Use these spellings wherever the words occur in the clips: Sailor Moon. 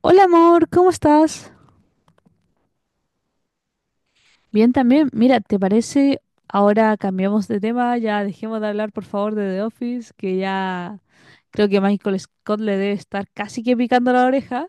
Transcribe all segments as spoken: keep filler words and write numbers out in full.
Hola amor, ¿cómo estás? Bien también. Mira, ¿te parece? Ahora cambiamos de tema, ya dejemos de hablar por favor de The Office, que ya creo que Michael Scott le debe estar casi que picando la oreja.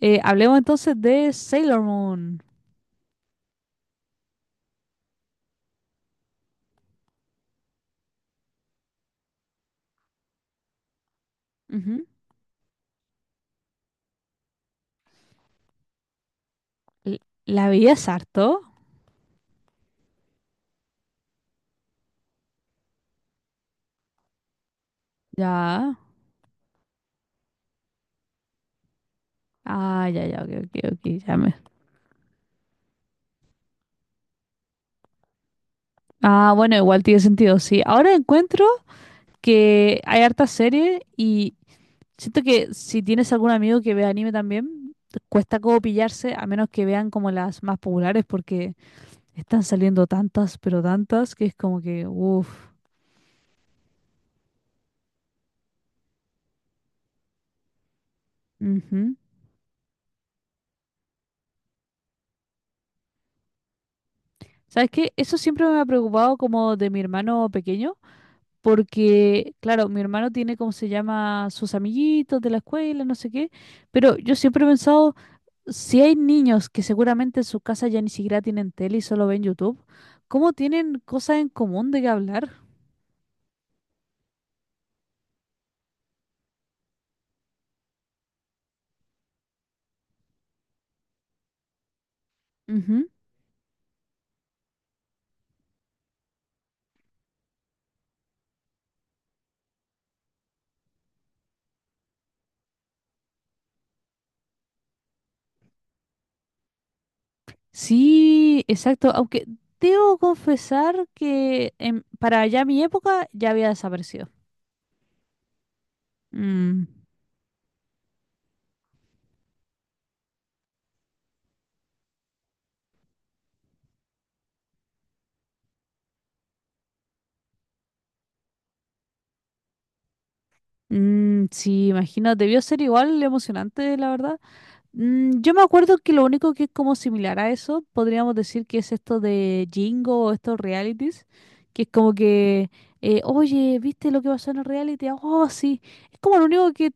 Eh, hablemos entonces de Sailor Moon. Ujú. L- ¿La veías harto? Ya. Ah, ya, ya, ok, ok, ok, ya me- Ah, bueno, igual tiene sentido, sí. Ahora encuentro que hay harta serie y siento que si tienes algún amigo que ve anime también, cuesta como pillarse, a menos que vean como las más populares, porque están saliendo tantas, pero tantas, que es como que, uff. Ujú. ¿Sabes qué? Eso siempre me ha preocupado como de mi hermano pequeño, porque, claro, mi hermano tiene, como se llama?, sus amiguitos de la escuela, no sé qué, pero yo siempre he pensado, si hay niños que seguramente en su casa ya ni siquiera tienen tele y solo ven YouTube, ¿cómo tienen cosas en común de qué hablar? Ujú. Sí, exacto. Aunque debo confesar que en- para allá mi época ya había desaparecido. Mm, mm, sí, imagino, debió ser igual emocionante, la verdad. Mm, yo me acuerdo que lo único que es como similar a eso, podríamos decir que es esto de Jingo o estos realities, que es como que, eh, oye, ¿viste lo que pasó en el reality? Ah. Oh, sí. Es como lo único que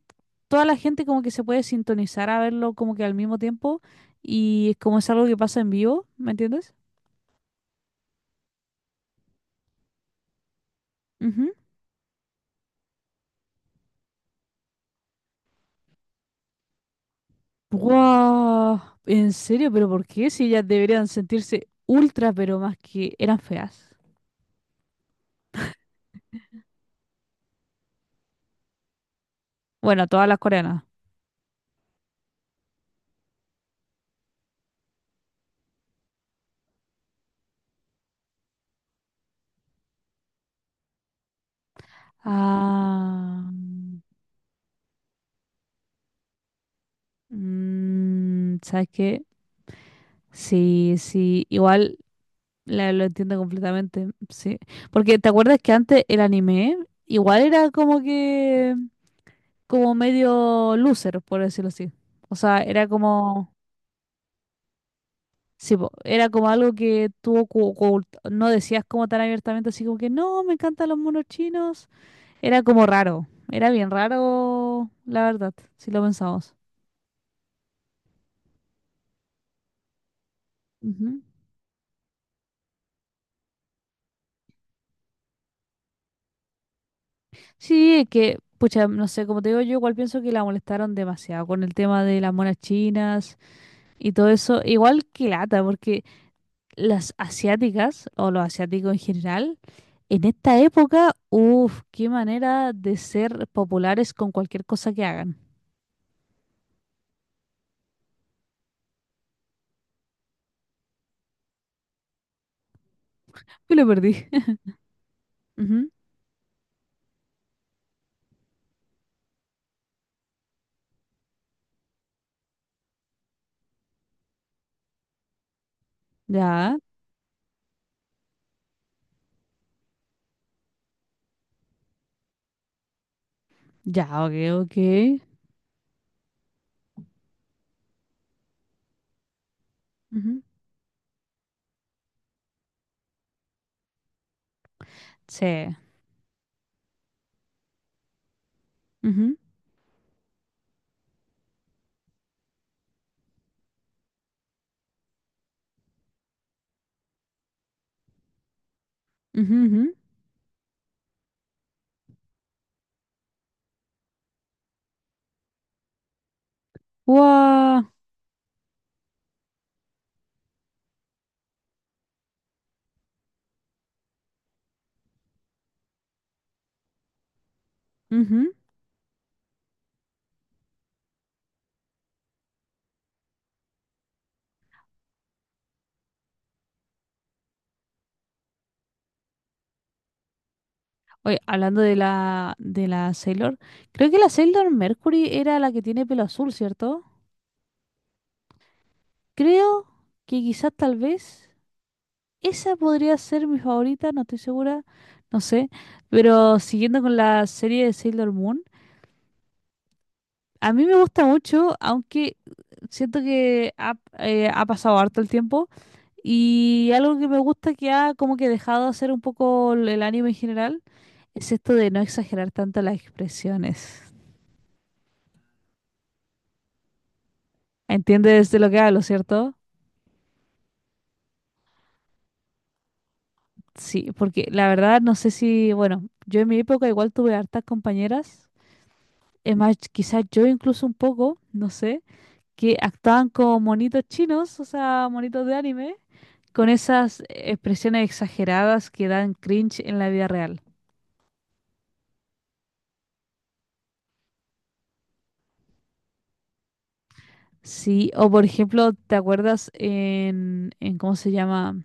toda la gente como que se puede sintonizar a verlo como que al mismo tiempo y es como es algo que pasa en vivo, ¿me entiendes? Ujú. Wow. ¿En serio? ¿Pero por qué? Si ellas deberían sentirse ultra, pero más que eran feas. Bueno, todas las coreanas. Ah. Mm. Mm, ¿sabes qué? Sí, sí, igual la- lo entiendo completamente, sí. Porque ¿te acuerdas que antes el anime igual era como que, como medio loser, por decirlo así? O sea, era como, sí, po, era como algo que tú ocu- ocult- no decías como tan abiertamente, así como que no, me encantan los monos chinos. Era como raro, era bien raro, la verdad, si lo pensamos. Sí, es que, pucha, no sé, como te digo, yo igual pienso que la molestaron demasiado con el tema de las monas chinas y todo eso. Igual que lata, porque las asiáticas, o los asiáticos en general, en esta época, uff, qué manera de ser populares con cualquier cosa que hagan. Yo lo perdí. Ujú. Ya, ya, ok, ok. Ujú. Sí. Ujú, ujú, ujú. Guau, ujú. Oye, hablando de la, de la Sailor, creo que la Sailor Mercury era la que tiene pelo azul, ¿cierto? Creo que quizás tal vez esa podría ser mi favorita, no estoy segura, no sé. Pero siguiendo con la serie de Sailor Moon, a mí me gusta mucho, aunque siento que ha, eh, ha pasado harto el tiempo. Y algo que me gusta que ha como que dejado de hacer un poco el el anime en general es esto de no exagerar tanto las expresiones. ¿Entiendes de lo que hablo, cierto? Sí, porque la verdad no sé si, bueno, yo en mi época igual tuve hartas compañeras, es más, quizás yo incluso un poco, no sé, que actuaban como monitos chinos, o sea, monitos de anime, con esas expresiones exageradas que dan cringe en la vida real. Sí, o por ejemplo, ¿te acuerdas en, en cómo se llama?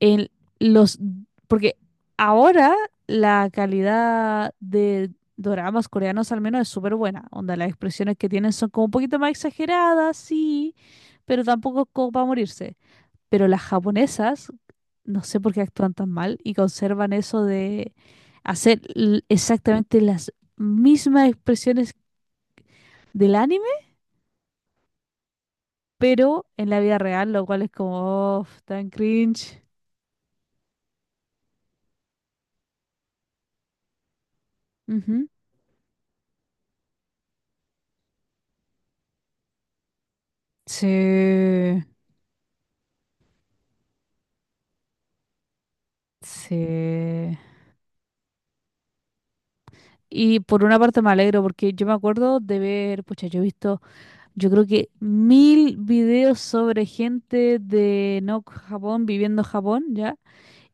En los, porque ahora la calidad de doramas coreanos al menos es súper buena, onda las expresiones que tienen son como un poquito más exageradas, sí, pero tampoco es como para morirse. Pero las japonesas, no sé por qué actúan tan mal y conservan eso de hacer l- exactamente las mismas expresiones del anime, pero en la vida real, lo cual es como, "Oh, tan cringe". Ujú. Sí, sí. Y por una parte me alegro porque yo me acuerdo de ver, pucha, yo he visto, yo creo que mil videos sobre gente de no Japón viviendo en Japón, ¿ya?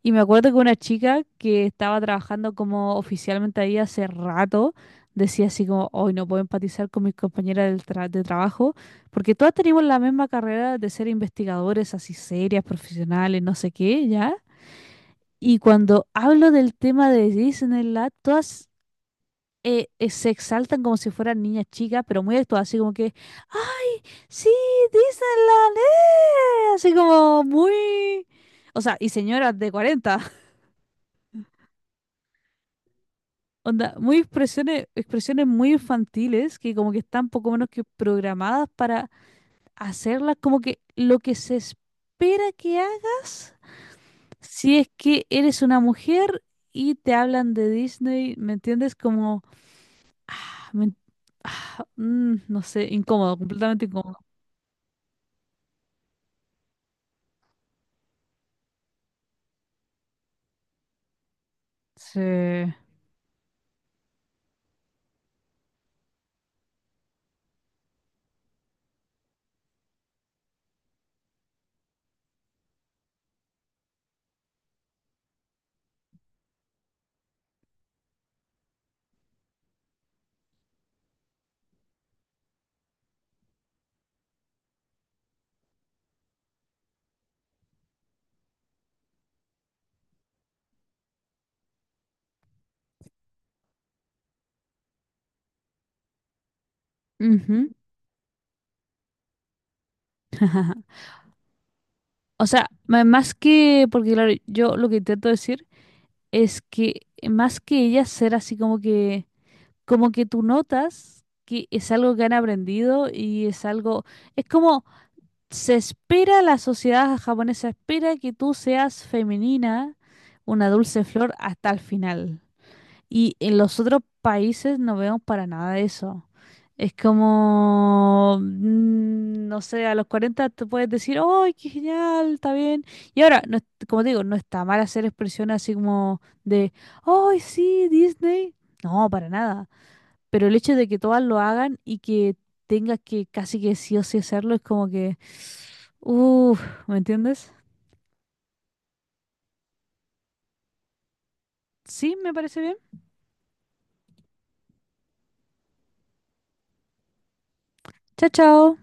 Y me acuerdo que una chica que estaba trabajando como oficialmente ahí hace rato, decía así como, hoy no puedo empatizar con mis compañeras del tra- de trabajo, porque todas tenemos la misma carrera de ser investigadores, así serias, profesionales, no sé qué, ¿ya? Y cuando hablo del tema de Disneyland, todas eh, eh, se exaltan como si fueran niñas chicas, pero muy actuadas, así como que, "¡ah, sí, Disneyland! ¡Eh!", así como muy... O sea, y señoras de cuarenta. Onda, muy expresiones, expresiones muy infantiles que como que están poco menos que programadas para hacerlas como que lo que se espera que hagas si es que eres una mujer y te hablan de Disney, ¿me entiendes? Como, ah, me- ah, mm, no sé, incómodo, completamente. Sí. Ujú. Ajá. O sea, ma- más que, porque claro, yo lo que intento decir es que eh, más que ellas ser así como que, como que tú notas que es algo que han aprendido y es algo, es como se espera, la sociedad japonesa espera que tú seas femenina, una dulce flor hasta el final. Y en los otros países no vemos para nada de eso. Es como, mm, no sé, a los cuarenta te puedes decir, ¡ay, qué genial! Está bien. Y ahora, no, es- como te digo, no está mal hacer expresiones así como de, ¡ay, sí, Disney! No, para nada. Pero el hecho de que todas lo hagan y que tengas que casi que sí o sí hacerlo es como que, uff, ¿me entiendes? Sí, me parece bien. Chao, chao.